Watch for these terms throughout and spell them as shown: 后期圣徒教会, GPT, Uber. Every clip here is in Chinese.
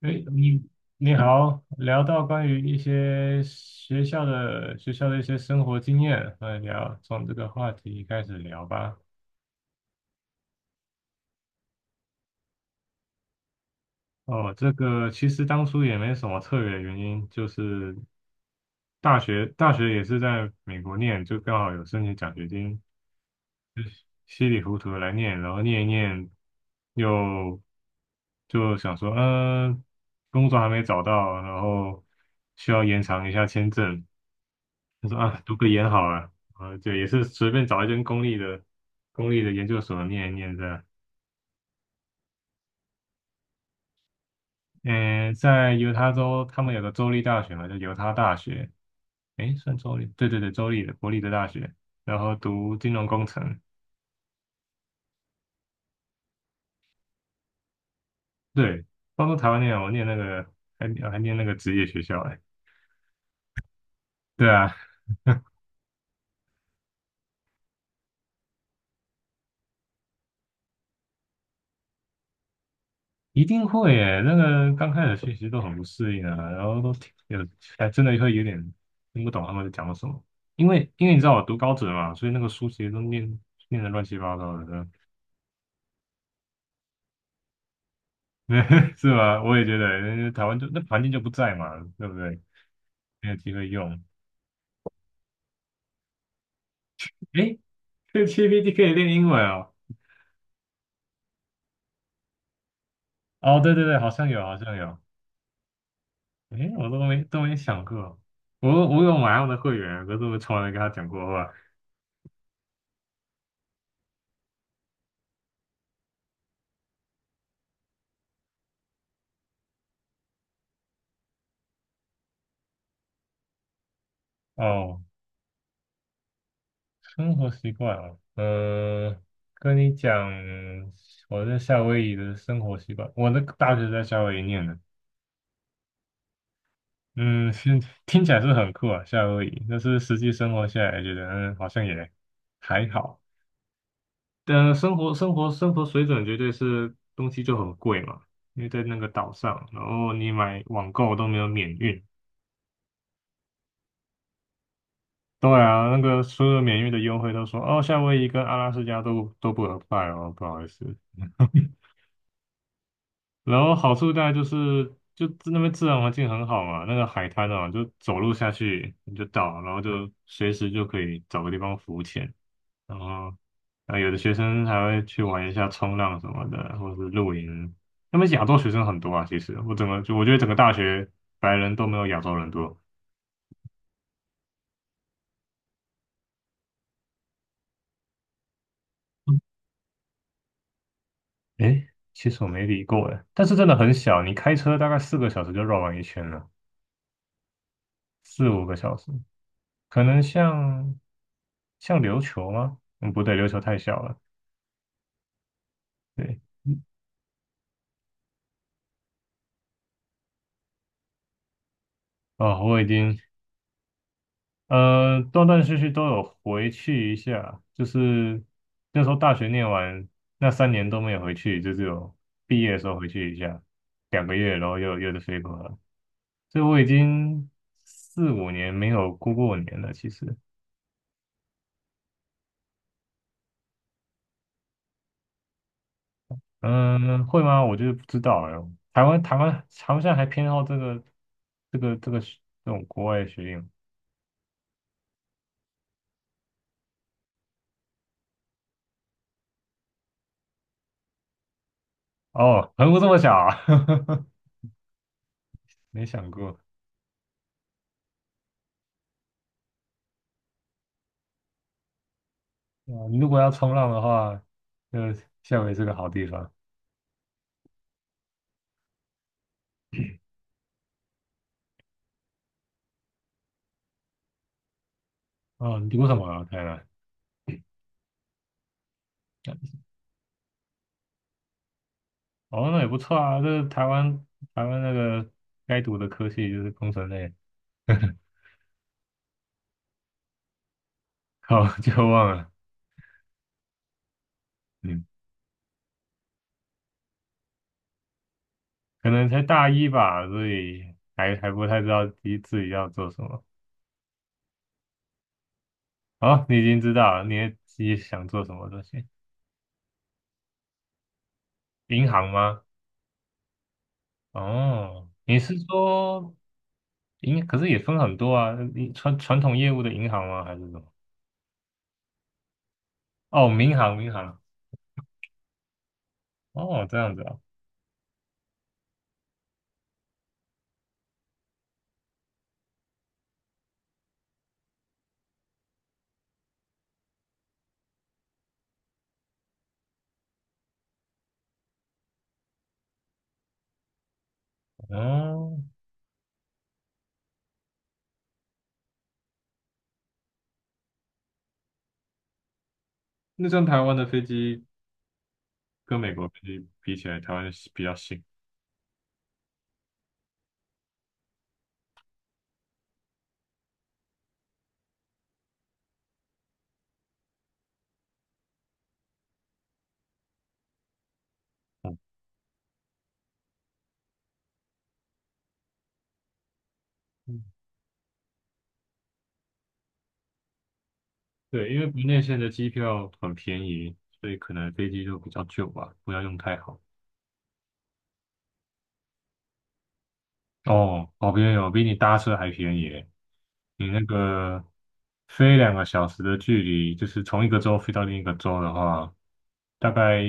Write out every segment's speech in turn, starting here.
哎，你好，聊到关于一些学校的一些生活经验，来聊，从这个话题开始聊吧。哦，这个其实当初也没什么特别的原因，就是大学也是在美国念，就刚好有申请奖学金，稀里糊涂的来念，然后念一念，又就想说，工作还没找到，然后需要延长一下签证，他说啊，读个研好了，啊，就也是随便找一间公立的研究所念一念这样。嗯，在犹他州，他们有个州立大学嘛，叫犹他大学，诶，算州立，对对对，州立的国立的大学，然后读金融工程。对，包括台湾念，我念那个还念那个职业学校，诶，对啊，一定会诶，那个刚开始学习都很不适应啊，然后都听有还真的会有点听不懂他们在讲什么，因为你知道我读高职嘛，所以那个书其实都念的乱七八糟的。是吧？我也觉得，因为台湾就那环境就不在嘛，对不对？没有机会用。诶，这个 GPT 可以练英文哦。哦，对对对，好像有，好像有。诶，我都没想过，我有买他们的会员，可是我从来没跟他讲过话。哦，生活习惯啊，跟你讲，我在夏威夷的生活习惯。我的大学在夏威夷念的。嗯，是听起来是很酷啊，夏威夷。但是实际生活下来，觉得好像也还好。但生活水准绝对是东西就很贵嘛，因为在那个岛上，然后你买网购都没有免运。对啊，那个所有免运的优惠都说哦，夏威夷跟阿拉斯加都不 apply 哦，不好意思。然后好处大概就是，就那边自然环境很好嘛，那个海滩啊，就走路下去你就到，然后就随时就可以找个地方浮潜，然后，啊，有的学生还会去玩一下冲浪什么的，或者是露营。那边亚洲学生很多啊，其实我整个就我觉得整个大学白人都没有亚洲人多。诶，其实我没理过诶，但是真的很小，你开车大概4个小时就绕完一圈了，4、5个小时。可能像琉球吗？嗯，不对，琉球太小了。对。哦，我已经断断续续都有回去一下，就是那时候大学念完那3年都没有回去，就只有毕业的时候回去一下2个月，然后又得飞回来，所以我已经4、5年没有过过年了。其实，嗯，会吗？我就是不知道哎。台湾好像还偏好这种国外的学历。哦，横幅这么小啊，没想过。啊，你如果要冲浪的话，就夏威夷是个好地方。哦，你读什么啊？台南？哦，那也不错啊。这台湾台湾该读的科系就是工程类。好，就忘了。嗯，可能才大一吧，所以还不太知道自己要做什么。哦，你已经知道了，你也自己想做什么东西？银行吗？哦，你是说？银可是也分很多啊，你传统业务的银行吗？还是什么？哦，民航，民航。哦，这样子啊。哦，那这样台湾的飞机跟美国飞机比起来，台湾是比较新。嗯，对，因为国内线的机票很便宜，所以可能飞机就比较旧吧，不要用太好。哦，哦，便宜哦，比你搭车还便宜耶。你那个飞2个小时的距离，就是从一个州飞到另一个州的话，大概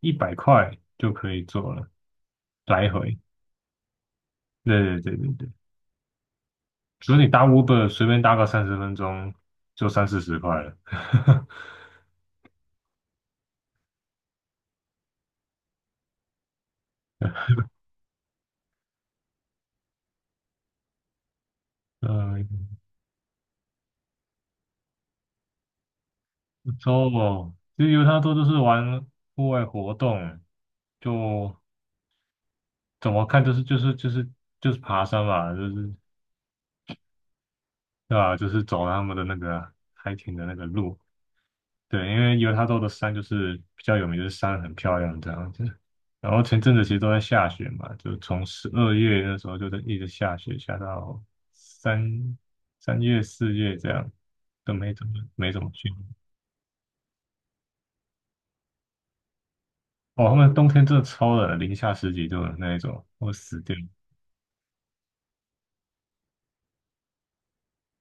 100块就可以坐了。来回，对对对对对，所以你搭 Uber 随便搭个30分钟就30、40块了。嗯，不错哦。其实犹他州就是玩户外活动，就怎么看就是爬山嘛，就是对吧？就是走他们的那个 hiking 的那个路。对，因为犹他州的山就是比较有名，就是山很漂亮这样子。然后前阵子其实都在下雪嘛，就从12月那时候就在一直下雪，下到三三月四月这样，都没怎么去。哦，他们冬天真的超冷，零下十几度的那一种，会死掉。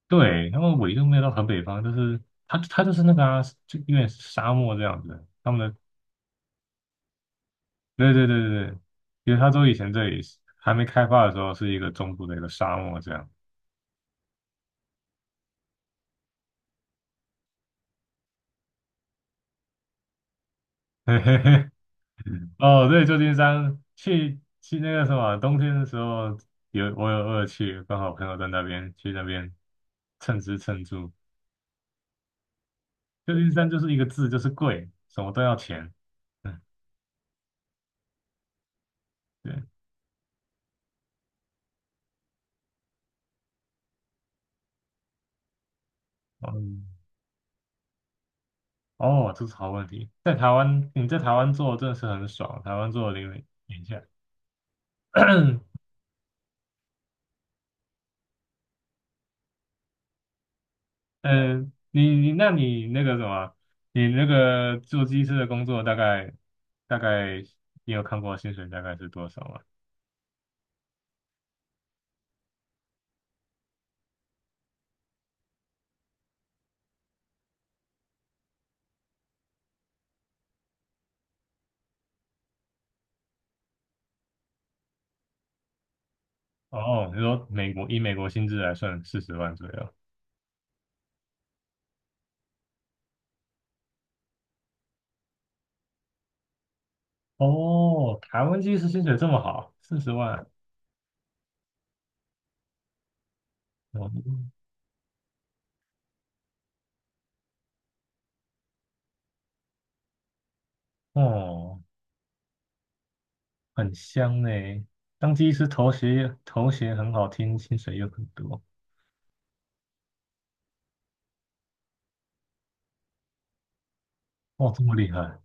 对，他们纬度没有到很北方，就是他就是那个啊，就有点沙漠这样子。他们的对对对对对，因为他州以前这里是还没开发的时候是一个中部的一个沙漠这样。嘿嘿嘿，哦，对，旧金山去那个什么，冬天的时候有我有我有去，刚好朋友在那边去那边蹭吃蹭住。旧金山就是一个字，就是贵，什么都要钱。嗯，对，嗯，哦，这是好问题。在台湾，你在台湾做真的是很爽，台湾做的零零下。嗯，你那个什么，你那个做技师的工作大概大概，你有看过薪水大概是多少吗？哦，你说美国以美国薪资来算四十万左右？哦，台湾技师薪水这么好，四十万，哦，哦，很香呢。当技师头衔很好听，薪水又很多。哇，这么厉害。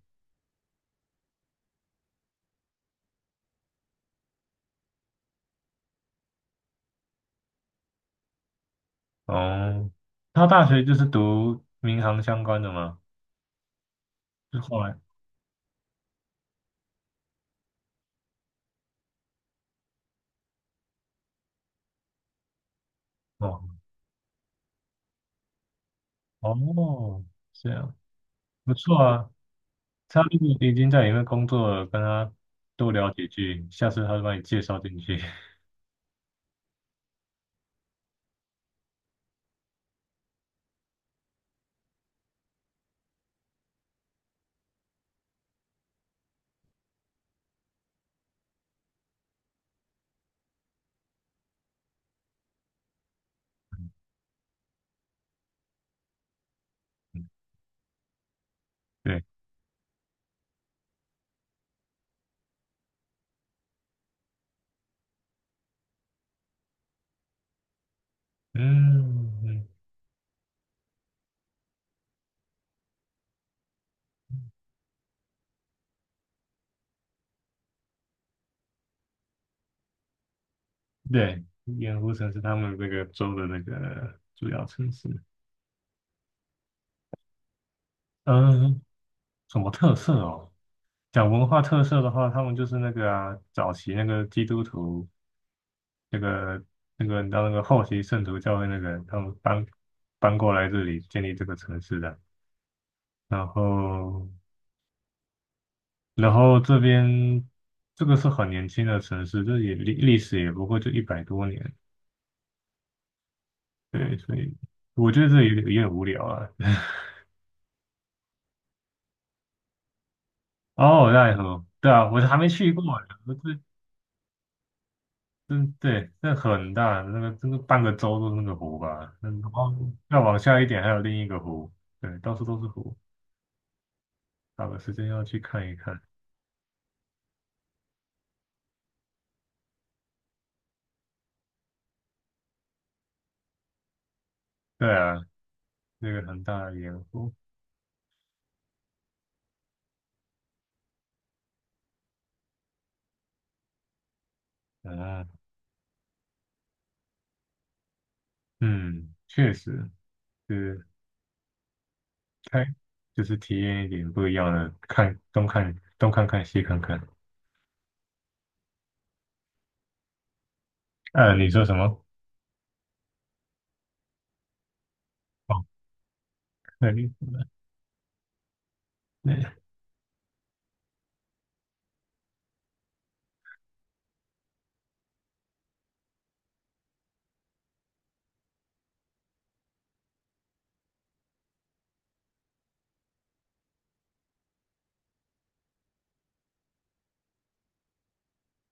哦，他大学就是读民航相关的吗？就后来，哦，哦，这样不错啊。他如果已经在里面工作了，跟他多聊几句，下次他就把你介绍进去。对，嗯。嗯，对，盐湖城是他们这个州的那个主要城市。嗯，什么特色哦？讲文化特色的话，他们就是那个啊，早期那个基督徒，那个那个，你知道那个后期圣徒教会那个，他们搬过来这里建立这个城市的。然后，然后这边这个是很年轻的城市，这也历史也不过就100多年。对，所以我觉得这有点有点无聊啊。哦，奈何，对啊，我还没去过，这真对，那很大，那个真的半个州都是那个湖吧。那然后再往下一点还有另一个湖，对，到处都是湖，找个时间要去看一看。对啊，那个很大的盐湖。啊，嗯，确实是开，就是体验一点不一样的，看东看看西看看。呃，你说什么？哦，那里，那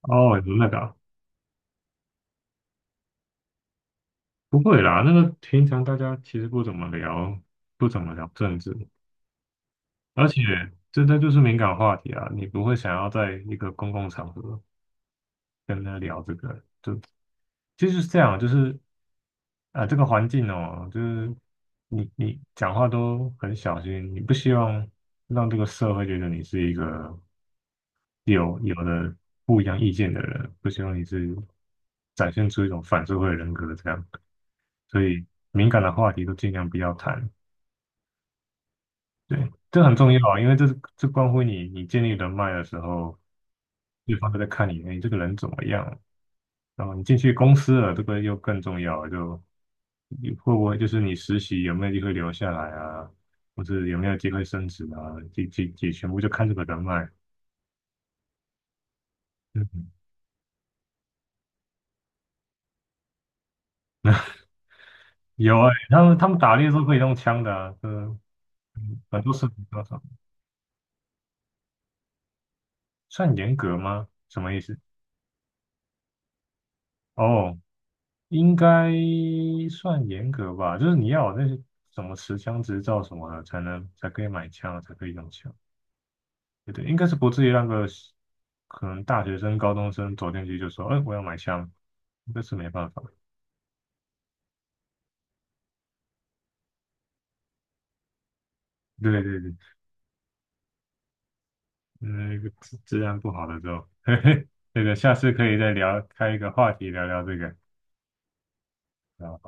哦，那个啊不会啦，那个平常大家其实不怎么聊，不怎么聊政治。而且这就是敏感话题啊，你不会想要在一个公共场合跟他聊这个，就其实是这样，就是这个环境哦，就是你讲话都很小心，你不希望让这个社会觉得你是一个有不一样意见的人，不希望你是展现出一种反社会人格这样，所以敏感的话题都尽量不要谈。对，这很重要啊，因为这关乎你建立人脉的时候，对方都在看你，哎，这个人怎么样？然后你进去公司了，这个又更重要了就你会不会就是你实习有没有机会留下来啊，或者有没有机会升职啊？这全部就看这个人脉。嗯，有啊，他们打猎都可以用枪的啊。嗯，很多视频都是算严格吗？什么意思？哦，应该算严格吧，就是你要有那些什么持枪执照什么的，才可以买枪，才可以用枪。对对，应该是不至于让个可能大学生、高中生走进去就说：“哎，我要买枪。”那是没办法。对对对，嗯，治安不好的时候，嘿嘿，这个下次可以再聊，开一个话题聊聊这个。然后。